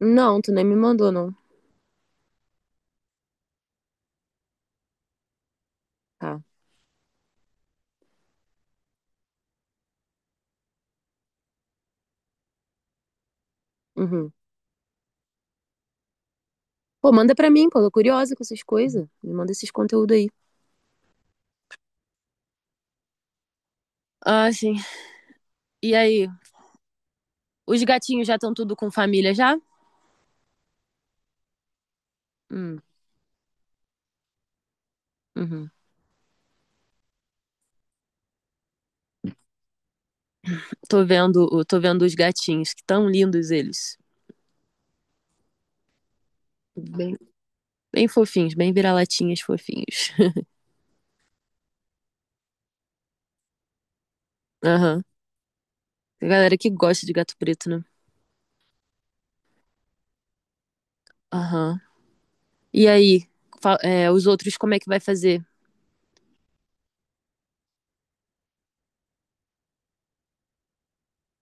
Não, tu nem me mandou, não. Tá. Uhum. Pô, manda pra mim, pô. Tô curiosa com essas coisas. Me manda esses conteúdos aí. Ah, sim. E aí? Os gatinhos já estão tudo com família já? Hum, uhum. Tô vendo os gatinhos, que tão lindos eles. Bem, bem fofinhos, bem vira-latinhas fofinhos. Aham. Tem galera que gosta de gato preto, né? Aham. E aí? É, os outros, como é que vai fazer?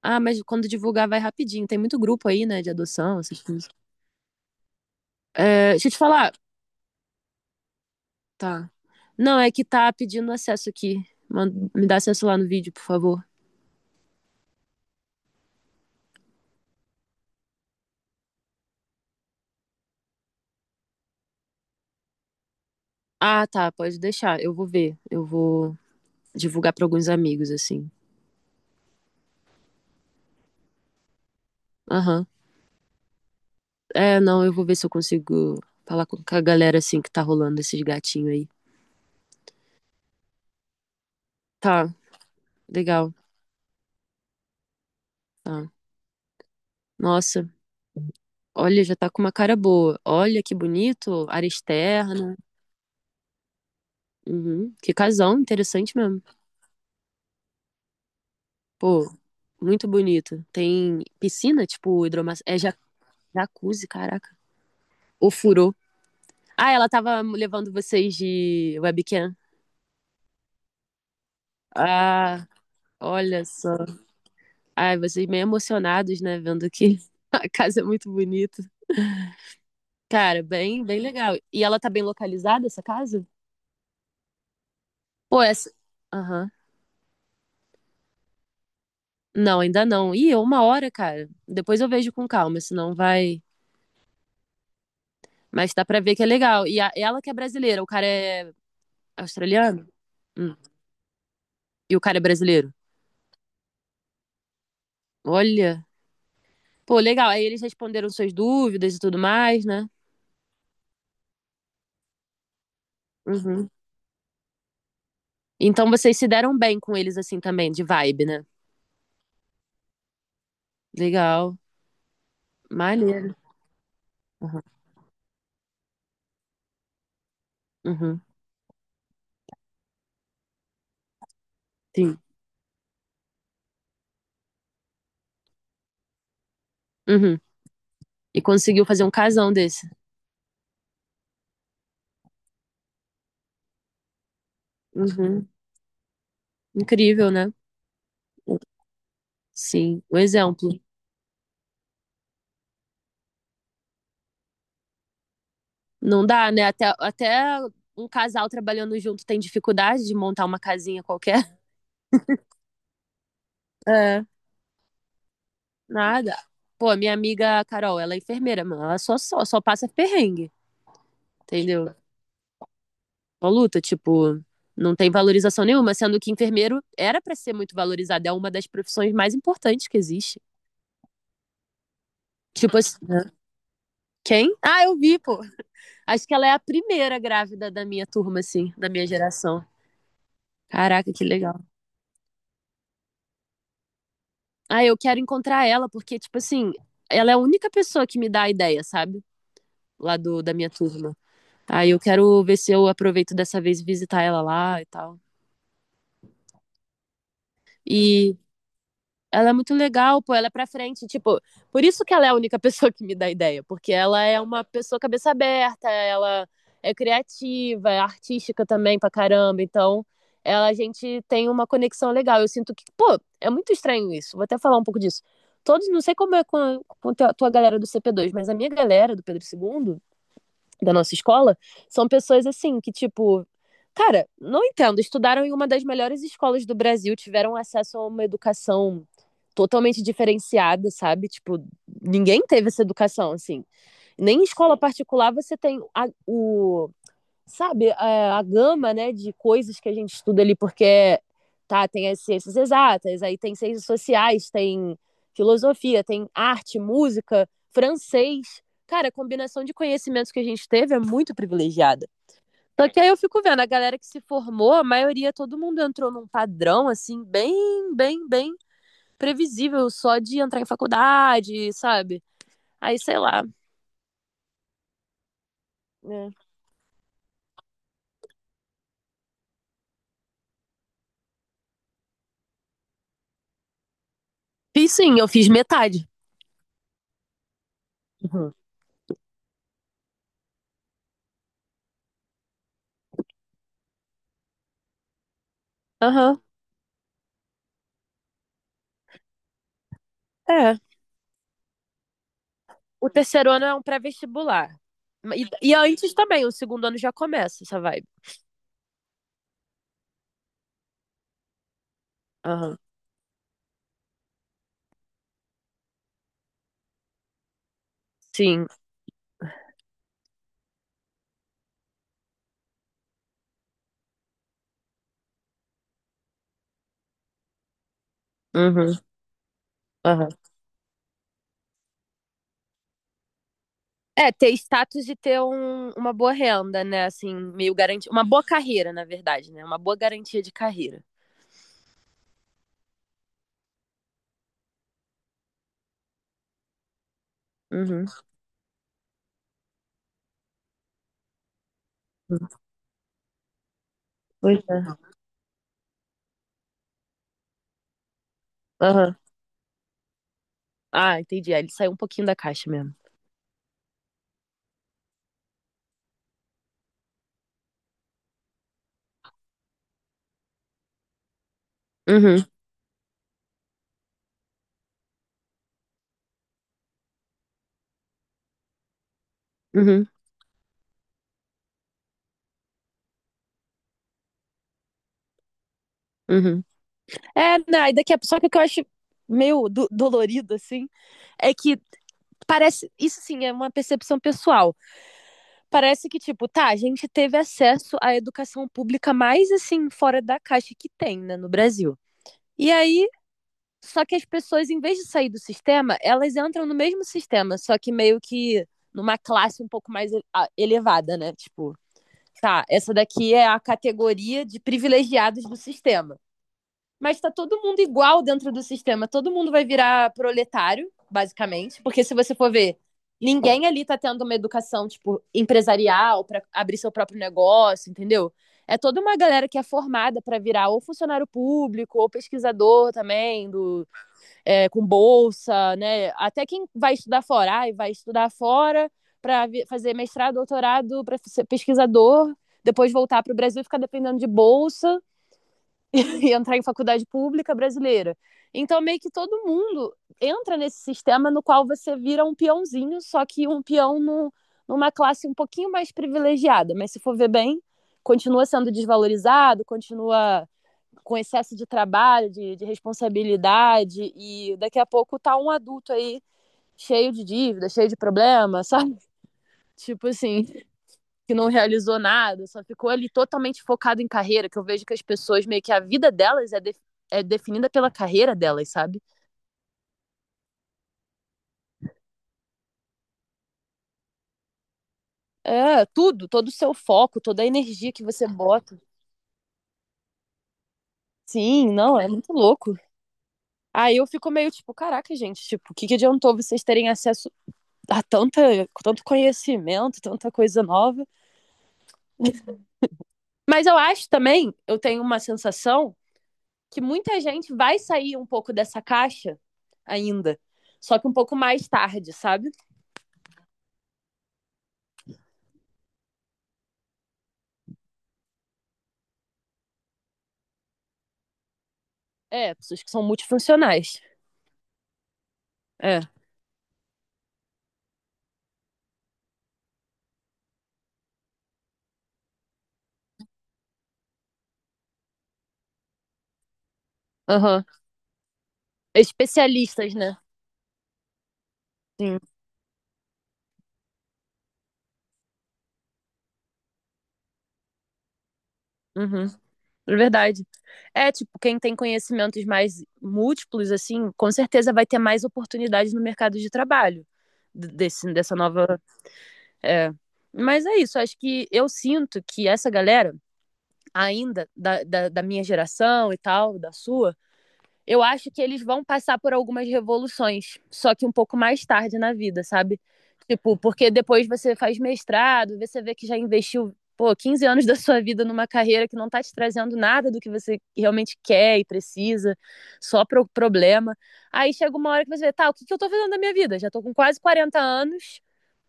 Ah, mas quando divulgar vai rapidinho. Tem muito grupo aí, né, de adoção, essas coisas. É, deixa eu te falar. Tá. Não, é que tá pedindo acesso aqui. Me dá acesso lá no vídeo, por favor. Ah, tá, pode deixar. Eu vou ver. Eu vou divulgar pra alguns amigos, assim. Aham. É, não, eu vou ver se eu consigo falar com a galera, assim, que tá rolando esses gatinhos aí. Tá, legal. Tá. Nossa, olha, já tá com uma cara boa. Olha que bonito, área externa. Uhum. Que casão, interessante mesmo. Pô, muito bonito. Tem piscina, tipo, hidromassa... É jacuzzi, caraca. O furo. Ah, ela tava levando vocês de webcam. Ah, olha só. Ai, vocês meio emocionados, né? Vendo que a casa é muito bonita. Cara, bem, bem legal. E ela tá bem localizada, essa casa? Pô, essa. Aham. Não, ainda não. Ih, é uma hora, cara. Depois eu vejo com calma, senão vai. Mas dá pra ver que é legal. E ela que é brasileira, o cara é australiano? Hum. E o cara é brasileiro? Olha. Pô, legal. Aí eles responderam suas dúvidas e tudo mais, né? Uhum. Então vocês se deram bem com eles assim também, de vibe, né? Legal. Maneiro. Aham. Uhum. Sim. Uhum. E conseguiu fazer um casão desse. Uhum. Incrível, né? Sim, um exemplo. Não dá, né? Até um casal trabalhando junto tem dificuldade de montar uma casinha qualquer. É, nada. Pô, minha amiga Carol, ela é enfermeira, mano. Ela só passa perrengue, entendeu? Uma luta, tipo, não tem valorização nenhuma, sendo que enfermeiro era pra ser muito valorizado, é uma das profissões mais importantes que existe. Tipo assim, né? Quem? Ah, eu vi, pô. Acho que ela é a primeira grávida da minha turma, assim, da minha geração. Caraca, que legal. Ah, eu quero encontrar ela, porque, tipo assim, ela é a única pessoa que me dá a ideia, sabe? Lá do, da minha turma. Aí eu quero ver se eu aproveito dessa vez e visitar ela lá e tal. E ela é muito legal, pô, ela é pra frente. Tipo, por isso que ela é a única pessoa que me dá ideia, porque ela é uma pessoa cabeça aberta, ela é criativa, é artística também pra caramba. Então, ela, a gente tem uma conexão legal. Eu sinto que, pô, é muito estranho isso. Vou até falar um pouco disso. Todos, não sei como é com com a tua galera do CP2, mas a minha galera do Pedro II da nossa escola são pessoas assim que, tipo, cara, não entendo. Estudaram em uma das melhores escolas do Brasil, tiveram acesso a uma educação totalmente diferenciada, sabe? Tipo, ninguém teve essa educação, assim. Nem em escola particular você tem o, sabe, a gama, né, de coisas que a gente estuda ali, porque tá, tem as ciências exatas, aí tem ciências sociais, tem filosofia, tem arte, música, francês. Cara, a combinação de conhecimentos que a gente teve é muito privilegiada. Só que aí eu fico vendo, a galera que se formou, a maioria, todo mundo entrou num padrão, assim, bem previsível, só de entrar em faculdade, sabe? Aí, sei lá. Né? Fiz sim, eu fiz metade. Aham. Uhum. Aham. É, o terceiro ano é um pré-vestibular. E antes também, o segundo ano já começa essa vibe. Aham. Sim. Uhum. Aham. É, ter status e ter uma boa renda, né? Assim, meio garantia. Uma boa carreira, na verdade, né? Uma boa garantia de carreira. Uhum. Pois é. Aham. Ah, entendi. Aí ele saiu um pouquinho da caixa mesmo. Uhum. Uhum. Uhum. É, né? E daqui a... Só que o que eu acho meio dolorido, assim, é que parece. Isso sim é uma percepção pessoal. Parece que, tipo, tá, a gente teve acesso à educação pública mais assim, fora da caixa que tem, né, no Brasil. E aí, só que as pessoas, em vez de sair do sistema, elas entram no mesmo sistema, só que meio que numa classe um pouco mais ah, elevada, né? Tipo, tá, essa daqui é a categoria de privilegiados do sistema. Mas tá todo mundo igual dentro do sistema. Todo mundo vai virar proletário, basicamente. Porque se você for ver, ninguém ali tá tendo uma educação, tipo, empresarial para abrir seu próprio negócio, entendeu? É toda uma galera que é formada para virar ou funcionário público, ou pesquisador também, do, é, com bolsa, né? Até quem vai estudar fora, ai, vai estudar fora para fazer mestrado, doutorado, para ser pesquisador, depois voltar para o Brasil e ficar dependendo de bolsa e entrar em faculdade pública brasileira. Então, meio que todo mundo entra nesse sistema no qual você vira um peãozinho, só que um peão no, numa classe um pouquinho mais privilegiada. Mas se for ver bem, continua sendo desvalorizado, continua com excesso de trabalho, de responsabilidade, e daqui a pouco tá um adulto aí cheio de dívida, cheio de problema, sabe? Tipo assim, que não realizou nada, só ficou ali totalmente focado em carreira, que eu vejo que as pessoas meio que a vida delas é, de, é definida pela carreira delas, sabe? É, tudo, todo o seu foco, toda a energia que você bota. Sim, não, é muito louco. Aí eu fico meio tipo, caraca, gente, tipo, o que, que adiantou vocês terem acesso a tanta, tanto conhecimento, tanta coisa nova? Mas eu acho também, eu tenho uma sensação que muita gente vai sair um pouco dessa caixa ainda, só que um pouco mais tarde, sabe? É, pessoas que são multifuncionais. É, aham. Especialistas, né? Sim. Uhum. É verdade. É, tipo, quem tem conhecimentos mais múltiplos, assim, com certeza vai ter mais oportunidades no mercado de trabalho desse, dessa nova. É. Mas é isso, acho que eu sinto que essa galera, ainda da minha geração e tal, da sua. Eu acho que eles vão passar por algumas revoluções, só que um pouco mais tarde na vida, sabe? Tipo, porque depois você faz mestrado, você vê que já investiu, pô, 15 anos da sua vida numa carreira que não tá te trazendo nada do que você realmente quer e precisa, só pro problema. Aí chega uma hora que você vê, tá, o que que eu tô fazendo da minha vida? Já tô com quase 40 anos,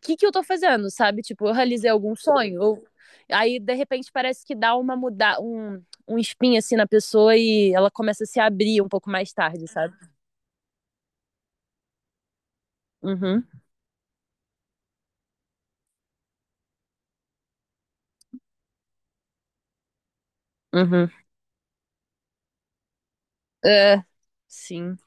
o que que eu tô fazendo, sabe? Tipo, eu realizei algum sonho? Eu... Aí, de repente, parece que dá uma muda... um espinho assim na pessoa e ela começa a se abrir um pouco mais tarde, sabe? Uhum, uhum. É, sim.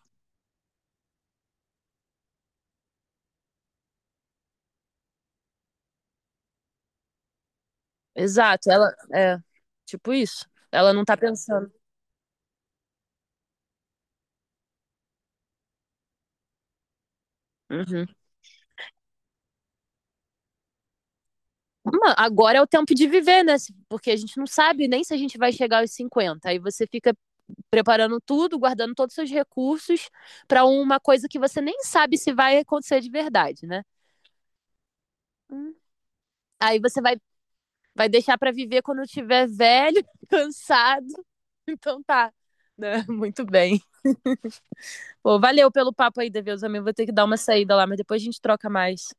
Exato, ela é tipo isso. Ela não tá pensando. Uhum. Uma... Agora é o tempo de viver, né? Se... Porque a gente não sabe nem se a gente vai chegar aos 50. Aí você fica preparando tudo, guardando todos os seus recursos pra uma coisa que você nem sabe se vai acontecer de verdade, né? Hum. Aí você vai, vai deixar pra viver quando tiver velho, cansado. Então tá. Né? Muito bem. Pô, valeu pelo papo aí, Deus, amigo. Vou ter que dar uma saída lá, mas depois a gente troca mais.